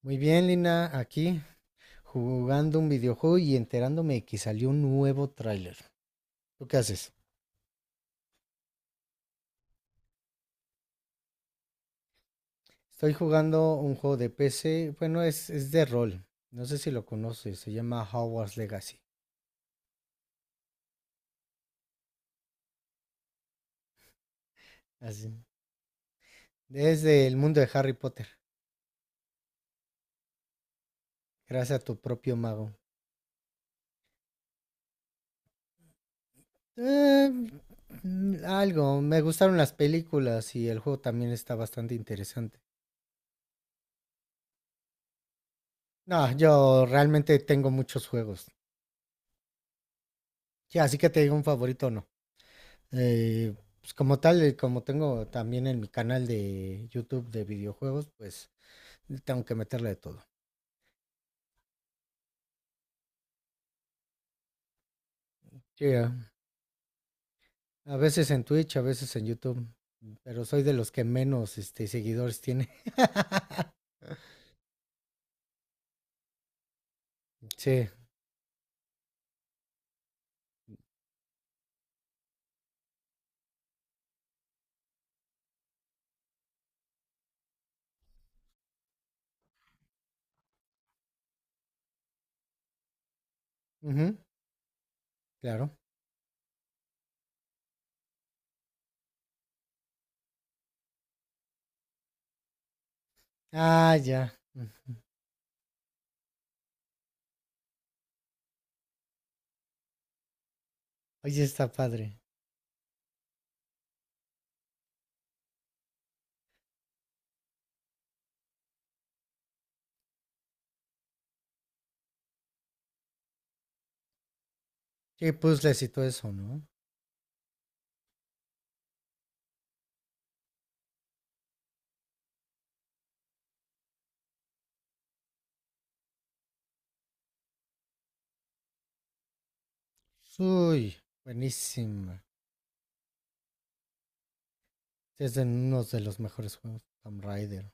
Muy bien, Lina, aquí jugando un videojuego y enterándome que salió un nuevo tráiler. ¿Tú qué haces? Estoy jugando un juego de PC, bueno, es de rol. No sé si lo conoces, se llama Hogwarts Legacy. Así. Desde el mundo de Harry Potter, gracias a tu propio mago. Eh, Algo, me gustaron las películas y el juego también está bastante interesante. No, yo realmente tengo muchos juegos. Sí, así que te digo un favorito o no. Eh, pues como tal, como tengo también en mi canal de YouTube de videojuegos, pues tengo que meterle de todo. Sí, a veces en Twitch, a veces en YouTube, pero soy de los que menos seguidores tiene. Sí, ujú, claro. Ah, ya. Oye, está padre. Sí, puzzles y todo eso, ¿no? Uy, buenísima. Sí, es de uno de los mejores juegos, Tomb Raider.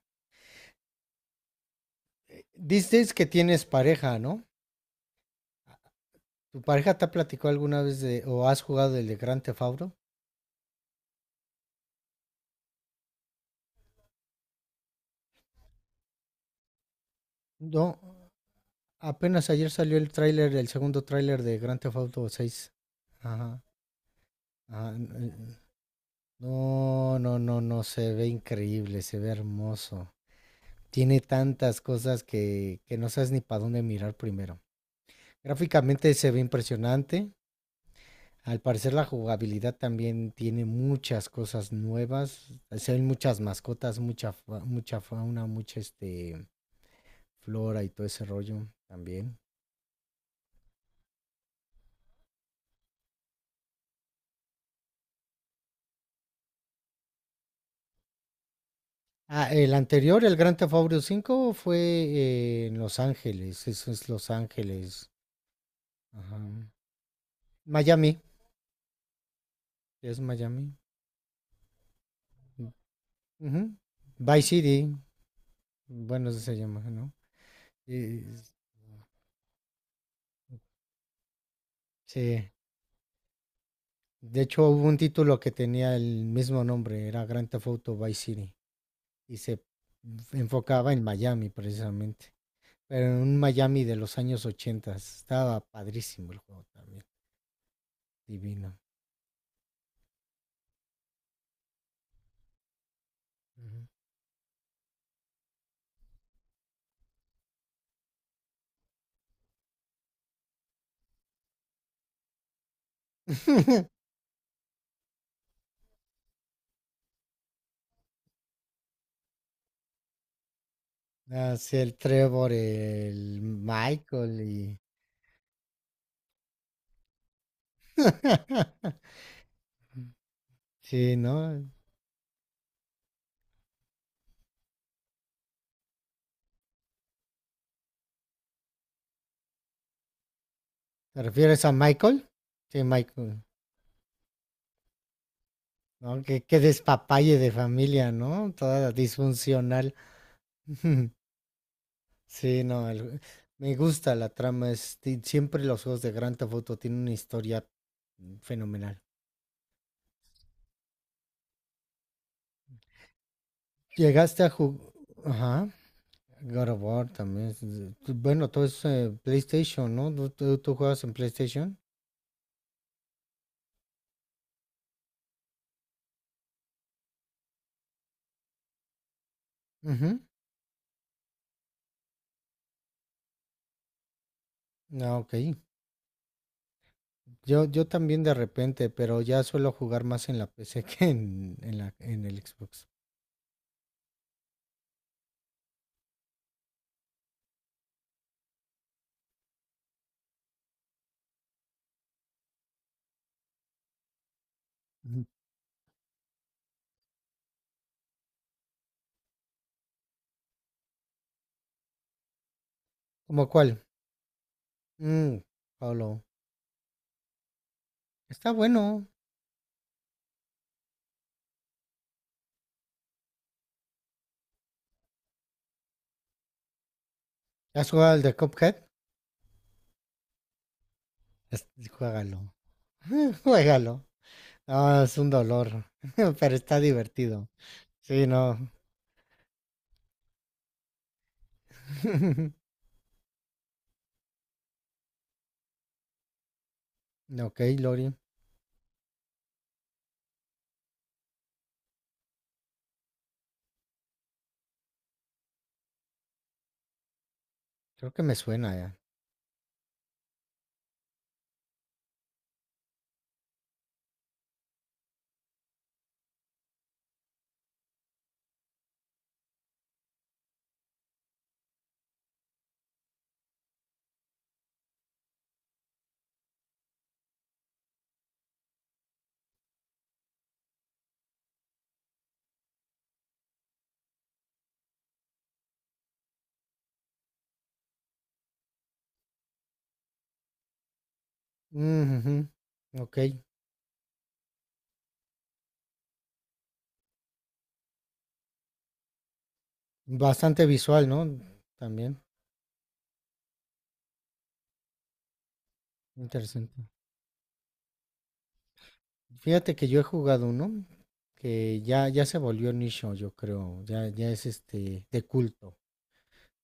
Dices que tienes pareja, ¿no? ¿Tu pareja te ha platicado alguna vez de o has jugado el de Grand Theft Auto? No, apenas ayer salió el tráiler, el segundo tráiler de Grand Theft Auto 6. Ajá. ajá, n- No, no, no, no, se ve increíble, se ve hermoso. Tiene tantas cosas que no sabes ni para dónde mirar primero. Gráficamente se ve impresionante. Al parecer la jugabilidad también tiene muchas cosas nuevas. Se ven muchas mascotas, mucha, mucha fauna, mucha flora y todo ese rollo también. Ah, el anterior, el Grand Theft Auto 5, fue en Los Ángeles. Eso es Los Ángeles. Ajá. Miami, es Miami. Ujú. Vice City, bueno, eso se llama, ¿no? Y, sí. De hecho, hubo un título que tenía el mismo nombre, era Grand Theft Auto Vice City, y se enfocaba en Miami precisamente, pero en un Miami de los años 80. Estaba padrísimo el juego también, divino. Así el Trevor, el Michael y... Sí, ¿no? ¿Te refieres a Michael? Sí, Michael. ¿No? Qué, qué despapalle de familia, ¿no? Toda disfuncional. Sí, no, me gusta la trama. Siempre los juegos de Grand Theft Auto tienen una historia fenomenal. Llegaste a jugar... Ajá. God of War también. Bueno, todo es PlayStation, ¿no? ¿Tú, tú juegas en PlayStation? Ah, ok. Yo también de repente, pero ya suelo jugar más en la PC que en la, en el Xbox. Ujú. ¿Cómo cuál? Mm, Pablo. Está bueno. ¿Has jugado al de Cuphead? Juégalo. Juégalo. Ah, es un dolor, pero está divertido. Sí, no. Ok, Lori. Creo que me suena ya. Ujú. Ok. Bastante visual, ¿no? También. Interesante. Fíjate que yo he jugado uno que ya se volvió nicho, yo creo, ya es de culto.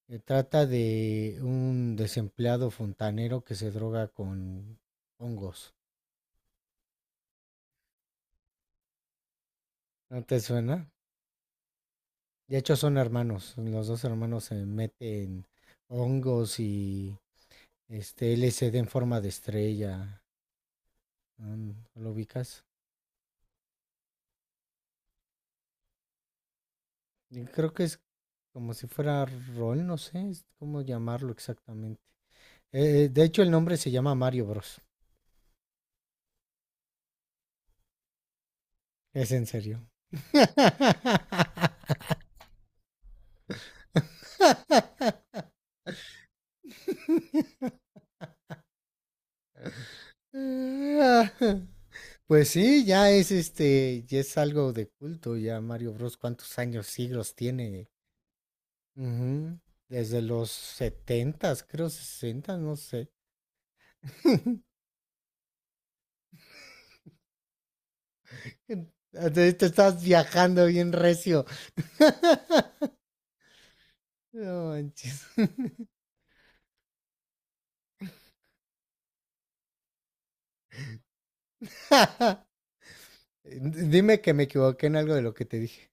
Se trata de un desempleado fontanero que se droga con hongos. ¿No te suena? De hecho son hermanos, los dos hermanos se meten hongos y LSD en forma de estrella. ¿No, lo ubicas? Y creo que es como si fuera rol, no sé es cómo llamarlo exactamente. De hecho el nombre se llama Mario Bros. Es en serio. Pues sí, ya es algo de culto, ya Mario Bros. ¿Cuántos años, siglos tiene? Ujú. Desde los setentas, creo sesenta, no sé. Te estás viajando bien recio. No manches. Dime que me equivoqué en algo de lo que te dije.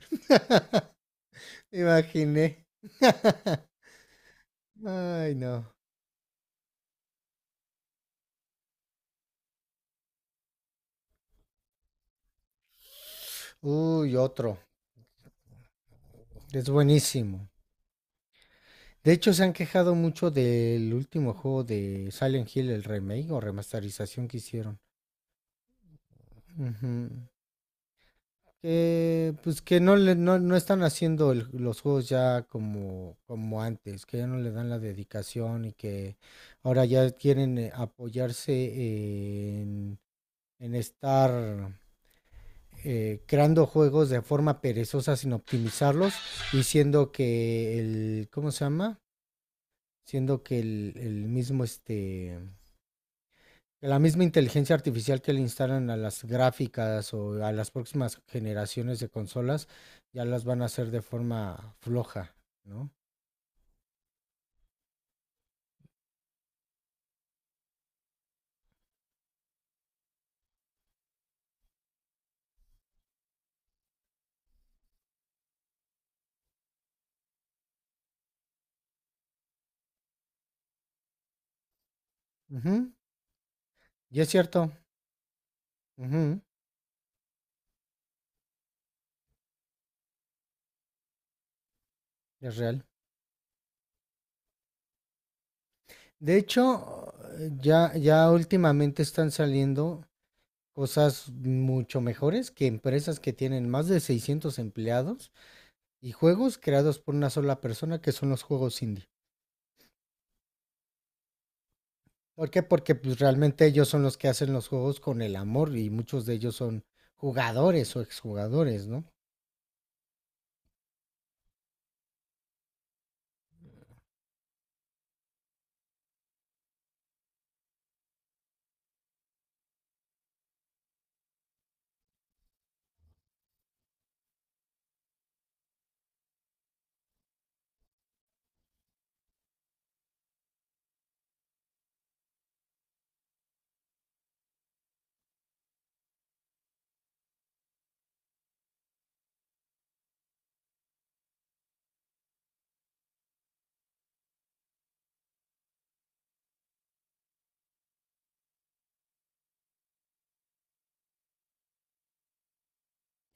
Imaginé. Ay, no. Uy, otro. Es buenísimo. De hecho, se han quejado mucho del último juego de Silent Hill, el remake o remasterización que hicieron. Ujú. Que, pues que no, le, no, no están haciendo los juegos ya como, como antes, que ya no le dan la dedicación y que ahora ya quieren apoyarse en estar creando juegos de forma perezosa sin optimizarlos, diciendo que el, ¿cómo se llama? Siendo que el mismo, la misma inteligencia artificial que le instalan a las gráficas o a las próximas generaciones de consolas, ya las van a hacer de forma floja, ¿no? Ujú, y es cierto, ujú, es real. De hecho, ya últimamente están saliendo cosas mucho mejores que empresas que tienen más de 600 empleados y juegos creados por una sola persona que son los juegos indie. ¿Por qué? Porque pues, realmente ellos son los que hacen los juegos con el amor y muchos de ellos son jugadores o exjugadores, ¿no?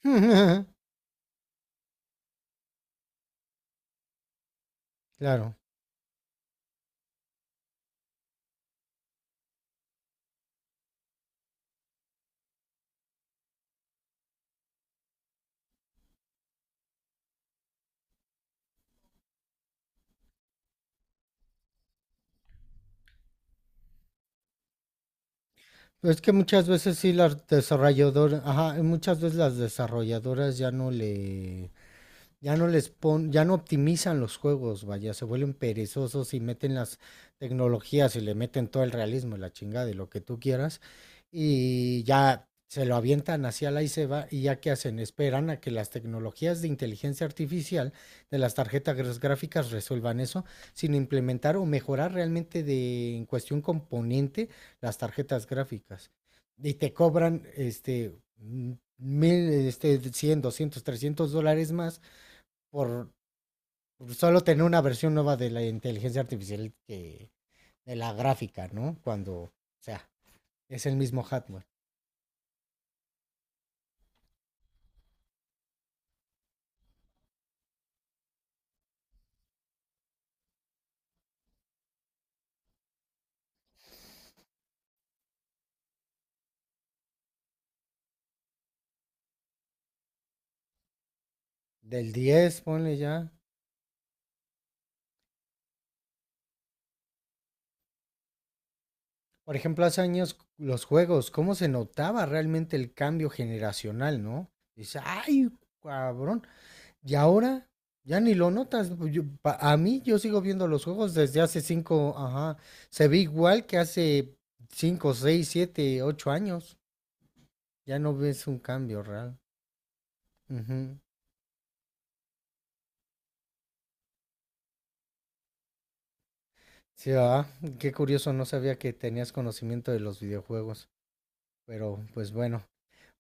Claro. Pero es que muchas veces sí las desarrolladoras, ajá, muchas veces las desarrolladoras ya no le... Ya no les pon, ya no optimizan los juegos, vaya, se vuelven perezosos y meten las tecnologías y le meten todo el realismo y la chingada y lo que tú quieras. Y ya se lo avientan hacia la y se va. Y ya que hacen, esperan a que las tecnologías de inteligencia artificial de las tarjetas gráficas resuelvan eso, sin implementar o mejorar realmente de, en cuestión componente las tarjetas gráficas. Y te cobran mil, este, $100, $200, $300 más por solo tener una versión nueva de la inteligencia artificial que de la gráfica, ¿no? Cuando, o sea, es el mismo hardware. Del diez, ponle ya. Por ejemplo, hace años los juegos, cómo se notaba realmente el cambio generacional, ¿no? Dice, ay, cabrón. Y ahora ya ni lo notas. A mí yo sigo viendo los juegos desde hace 5, ajá. Se ve igual que hace 5, 6, 7, 8 años. Ya no ves un cambio real. Ujú. Sí, ah, qué curioso, no sabía que tenías conocimiento de los videojuegos. Pero pues bueno,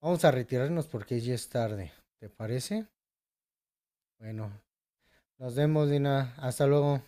vamos a retirarnos porque ya es tarde. ¿Te parece? Bueno, nos vemos, Dina. Hasta luego.